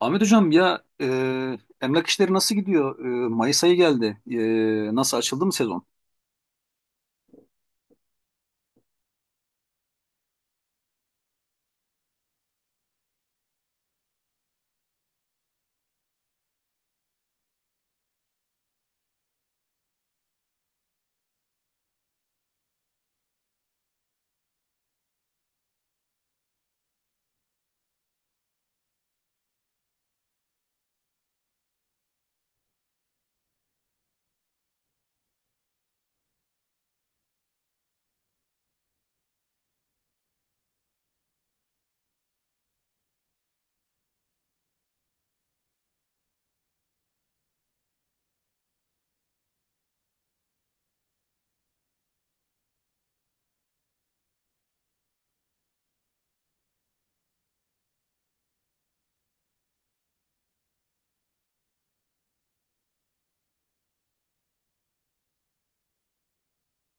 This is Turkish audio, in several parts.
Ahmet Hocam, ya, emlak işleri nasıl gidiyor? Mayıs ayı geldi. Nasıl açıldı mı sezon?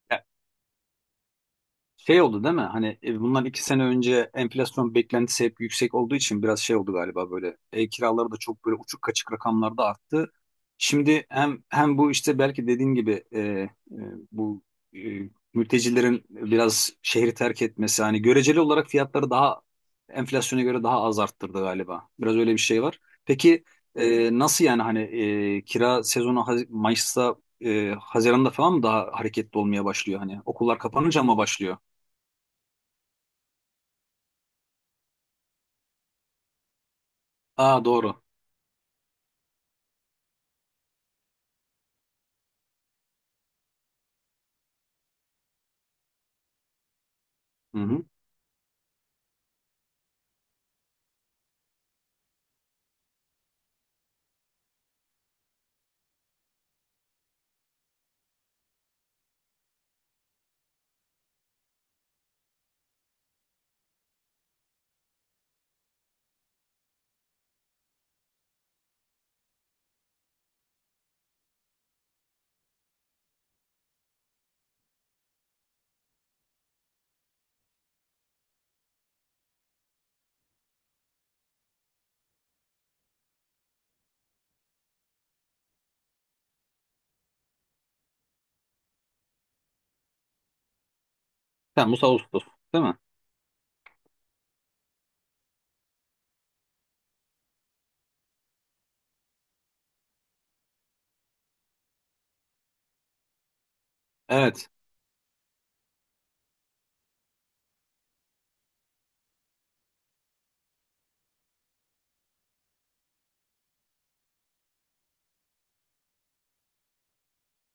Ya, şey oldu değil mi? Hani bundan iki sene önce enflasyon beklentisi hep yüksek olduğu için biraz şey oldu galiba böyle. Ev kiraları da çok böyle uçuk kaçık rakamlarda arttı. Şimdi hem bu işte belki dediğin gibi, bu mültecilerin biraz şehri terk etmesi hani göreceli olarak fiyatları daha enflasyona göre daha az arttırdı galiba. Biraz öyle bir şey var. Peki nasıl yani, hani kira sezonu Mayıs'ta, Haziran'da falan mı daha hareketli olmaya başlıyor, hani okullar kapanınca mı başlıyor? Aa, doğru. Hı hı. Temmuz, Ağustos değil mi? Evet.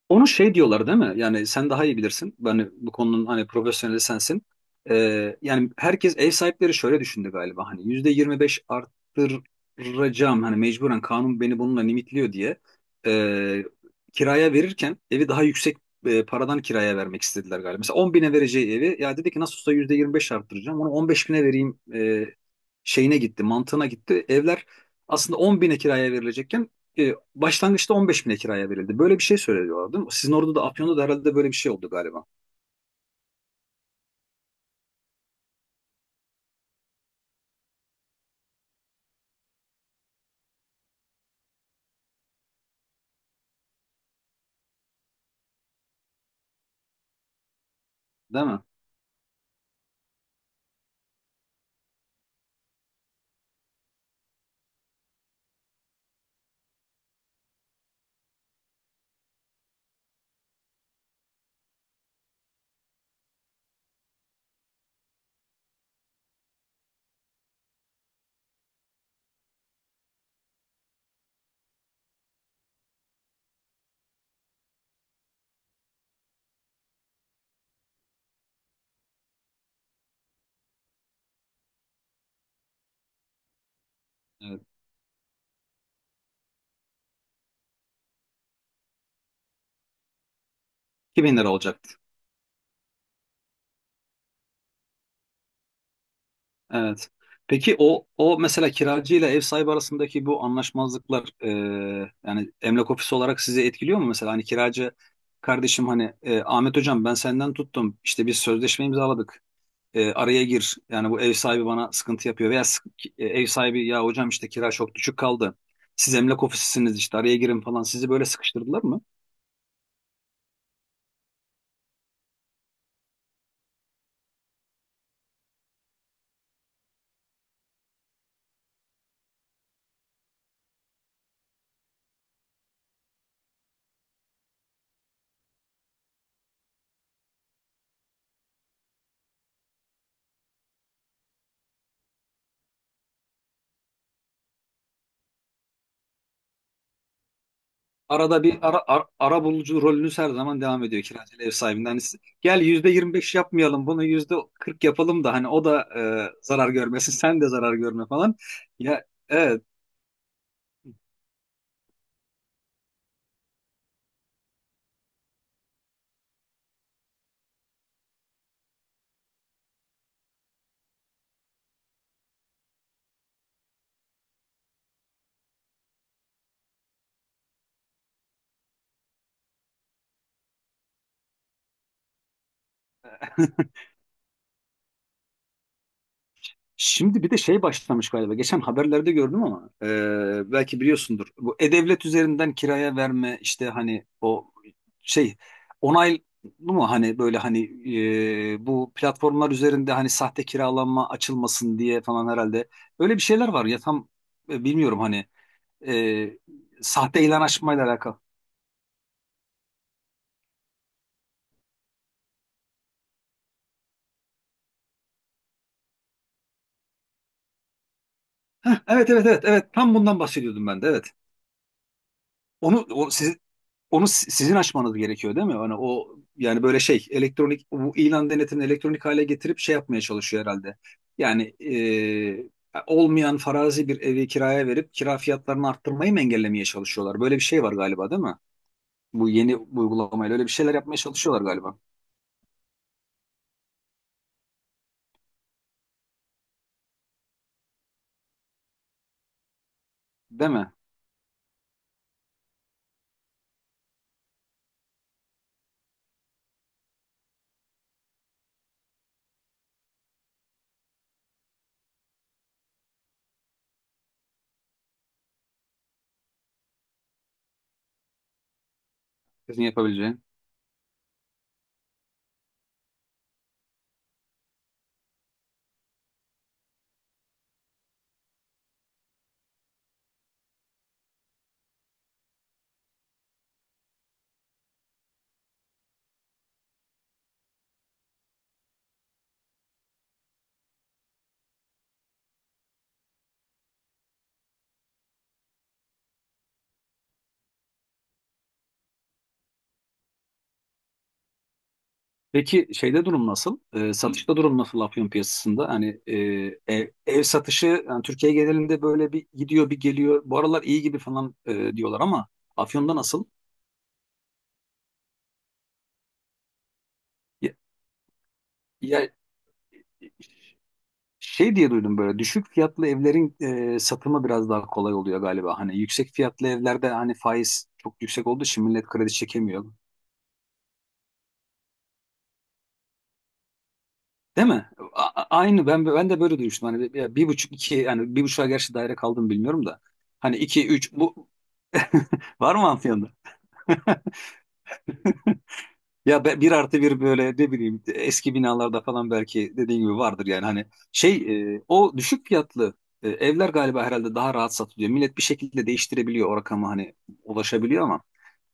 Onu şey diyorlar değil mi? Yani sen daha iyi bilirsin. Ben bu konunun hani profesyoneli sensin. Yani herkes, ev sahipleri şöyle düşündü galiba. Hani %25 arttıracağım, hani mecburen kanun beni bununla limitliyor diye. Ee, Kiraya verirken evi daha yüksek paradan kiraya vermek istediler galiba. Mesela 10 bine vereceği evi, ya dedi ki nasıl olsa %25 arttıracağım, onu 15 bine vereyim, şeyine gitti, mantığına gitti. Evler aslında 10 bine kiraya verilecekken başlangıçta 15 bine kiraya verildi. Böyle bir şey söylüyorlar değil mi? Sizin orada da, Afyon'da da herhalde böyle bir şey oldu galiba. Değil mi? Evet. 2000 lira olacaktı. Evet. Peki, o mesela kiracı ile ev sahibi arasındaki bu anlaşmazlıklar, yani emlak ofisi olarak sizi etkiliyor mu? Mesela hani kiracı, kardeşim hani Ahmet hocam, ben senden tuttum, işte biz sözleşme imzaladık. Araya gir. Yani bu ev sahibi bana sıkıntı yapıyor, veya ev sahibi, ya hocam işte kira çok düşük kaldı. Siz emlak ofisisiniz, işte araya girin falan. Sizi böyle sıkıştırdılar mı? Arada bir ara bulucu rolünüz her zaman devam ediyor, kiracıyla ev sahibinden. Hani siz, gel %25 yapmayalım, bunu %40 yapalım da hani o da zarar görmesin, sen de zarar görme falan. Ya, evet. Şimdi bir de şey başlamış galiba. Geçen haberlerde gördüm ama, belki biliyorsundur. Bu e-devlet üzerinden kiraya verme, işte hani o şey, onaylı mu, hani böyle hani bu platformlar üzerinde hani sahte kiralanma açılmasın diye falan herhalde. Öyle bir şeyler var ya, tam bilmiyorum hani, e, sahte ilan açmayla alakalı. Heh, evet, evet, evet, evet, tam bundan bahsediyordum ben de, evet. Onu o, siz, onu, sizin açmanız gerekiyor değil mi? Hani o, yani böyle şey elektronik, bu ilan denetimini elektronik hale getirip şey yapmaya çalışıyor herhalde. Yani olmayan farazi bir evi kiraya verip kira fiyatlarını arttırmayı mı engellemeye çalışıyorlar? Böyle bir şey var galiba değil mi? Bu yeni uygulamayla öyle bir şeyler yapmaya çalışıyorlar galiba. Değil mi? Sizin yapabileceğin. Peki şeyde durum nasıl? Satışta durum nasıl, Afyon piyasasında? Hani ev satışı, yani Türkiye genelinde böyle bir gidiyor bir geliyor. Bu aralar iyi gibi falan diyorlar ama Afyon'da nasıl? Ya, ya, şey diye duydum, böyle düşük fiyatlı evlerin satımı biraz daha kolay oluyor galiba. Hani yüksek fiyatlı evlerde hani faiz çok yüksek olduğu için millet kredi çekemiyor. Değil mi? Aynı, ben de böyle duymuştum. Hani bir, ya bir buçuk iki, yani bir buçuğa gerçi daire kaldım bilmiyorum da. Hani iki üç, bu var mı Afyon'da? Ya, bir artı bir böyle, ne bileyim, eski binalarda falan belki dediğin gibi vardır yani, hani şey, o düşük fiyatlı evler galiba herhalde daha rahat satılıyor. Millet bir şekilde değiştirebiliyor, o rakama hani ulaşabiliyor ama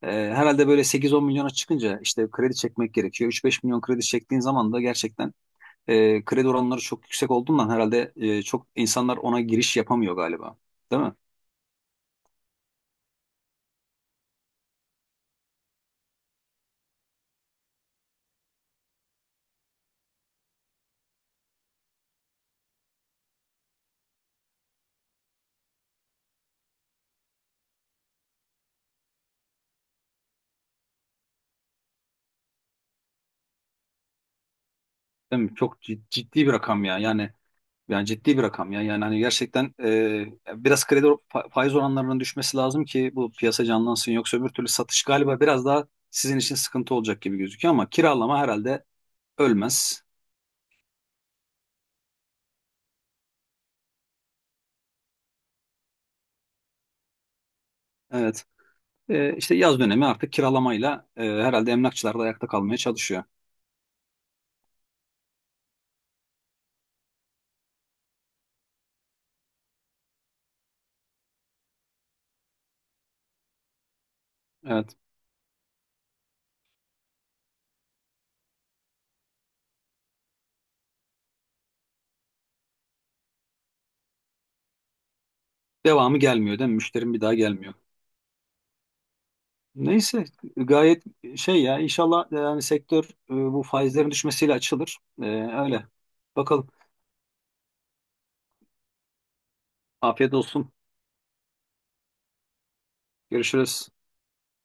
herhalde böyle 8-10 milyona çıkınca işte kredi çekmek gerekiyor. 3-5 milyon kredi çektiğin zaman da gerçekten kredi oranları çok yüksek olduğundan herhalde çok insanlar ona giriş yapamıyor galiba. Değil mi? Değil mi? Çok ciddi bir rakam ya yani. Yani ciddi bir rakam ya. Yani hani gerçekten biraz kredi faiz oranlarının düşmesi lazım ki bu piyasa canlansın. Yoksa öbür türlü satış galiba biraz daha sizin için sıkıntı olacak gibi gözüküyor ama kiralama herhalde ölmez. Evet. İşte yaz dönemi, artık kiralamayla herhalde emlakçılar da ayakta kalmaya çalışıyor. Evet. Devamı gelmiyor değil mi? Müşterim bir daha gelmiyor. Neyse, gayet şey ya, inşallah yani sektör bu faizlerin düşmesiyle açılır. Öyle. Bakalım. Afiyet olsun. Görüşürüz.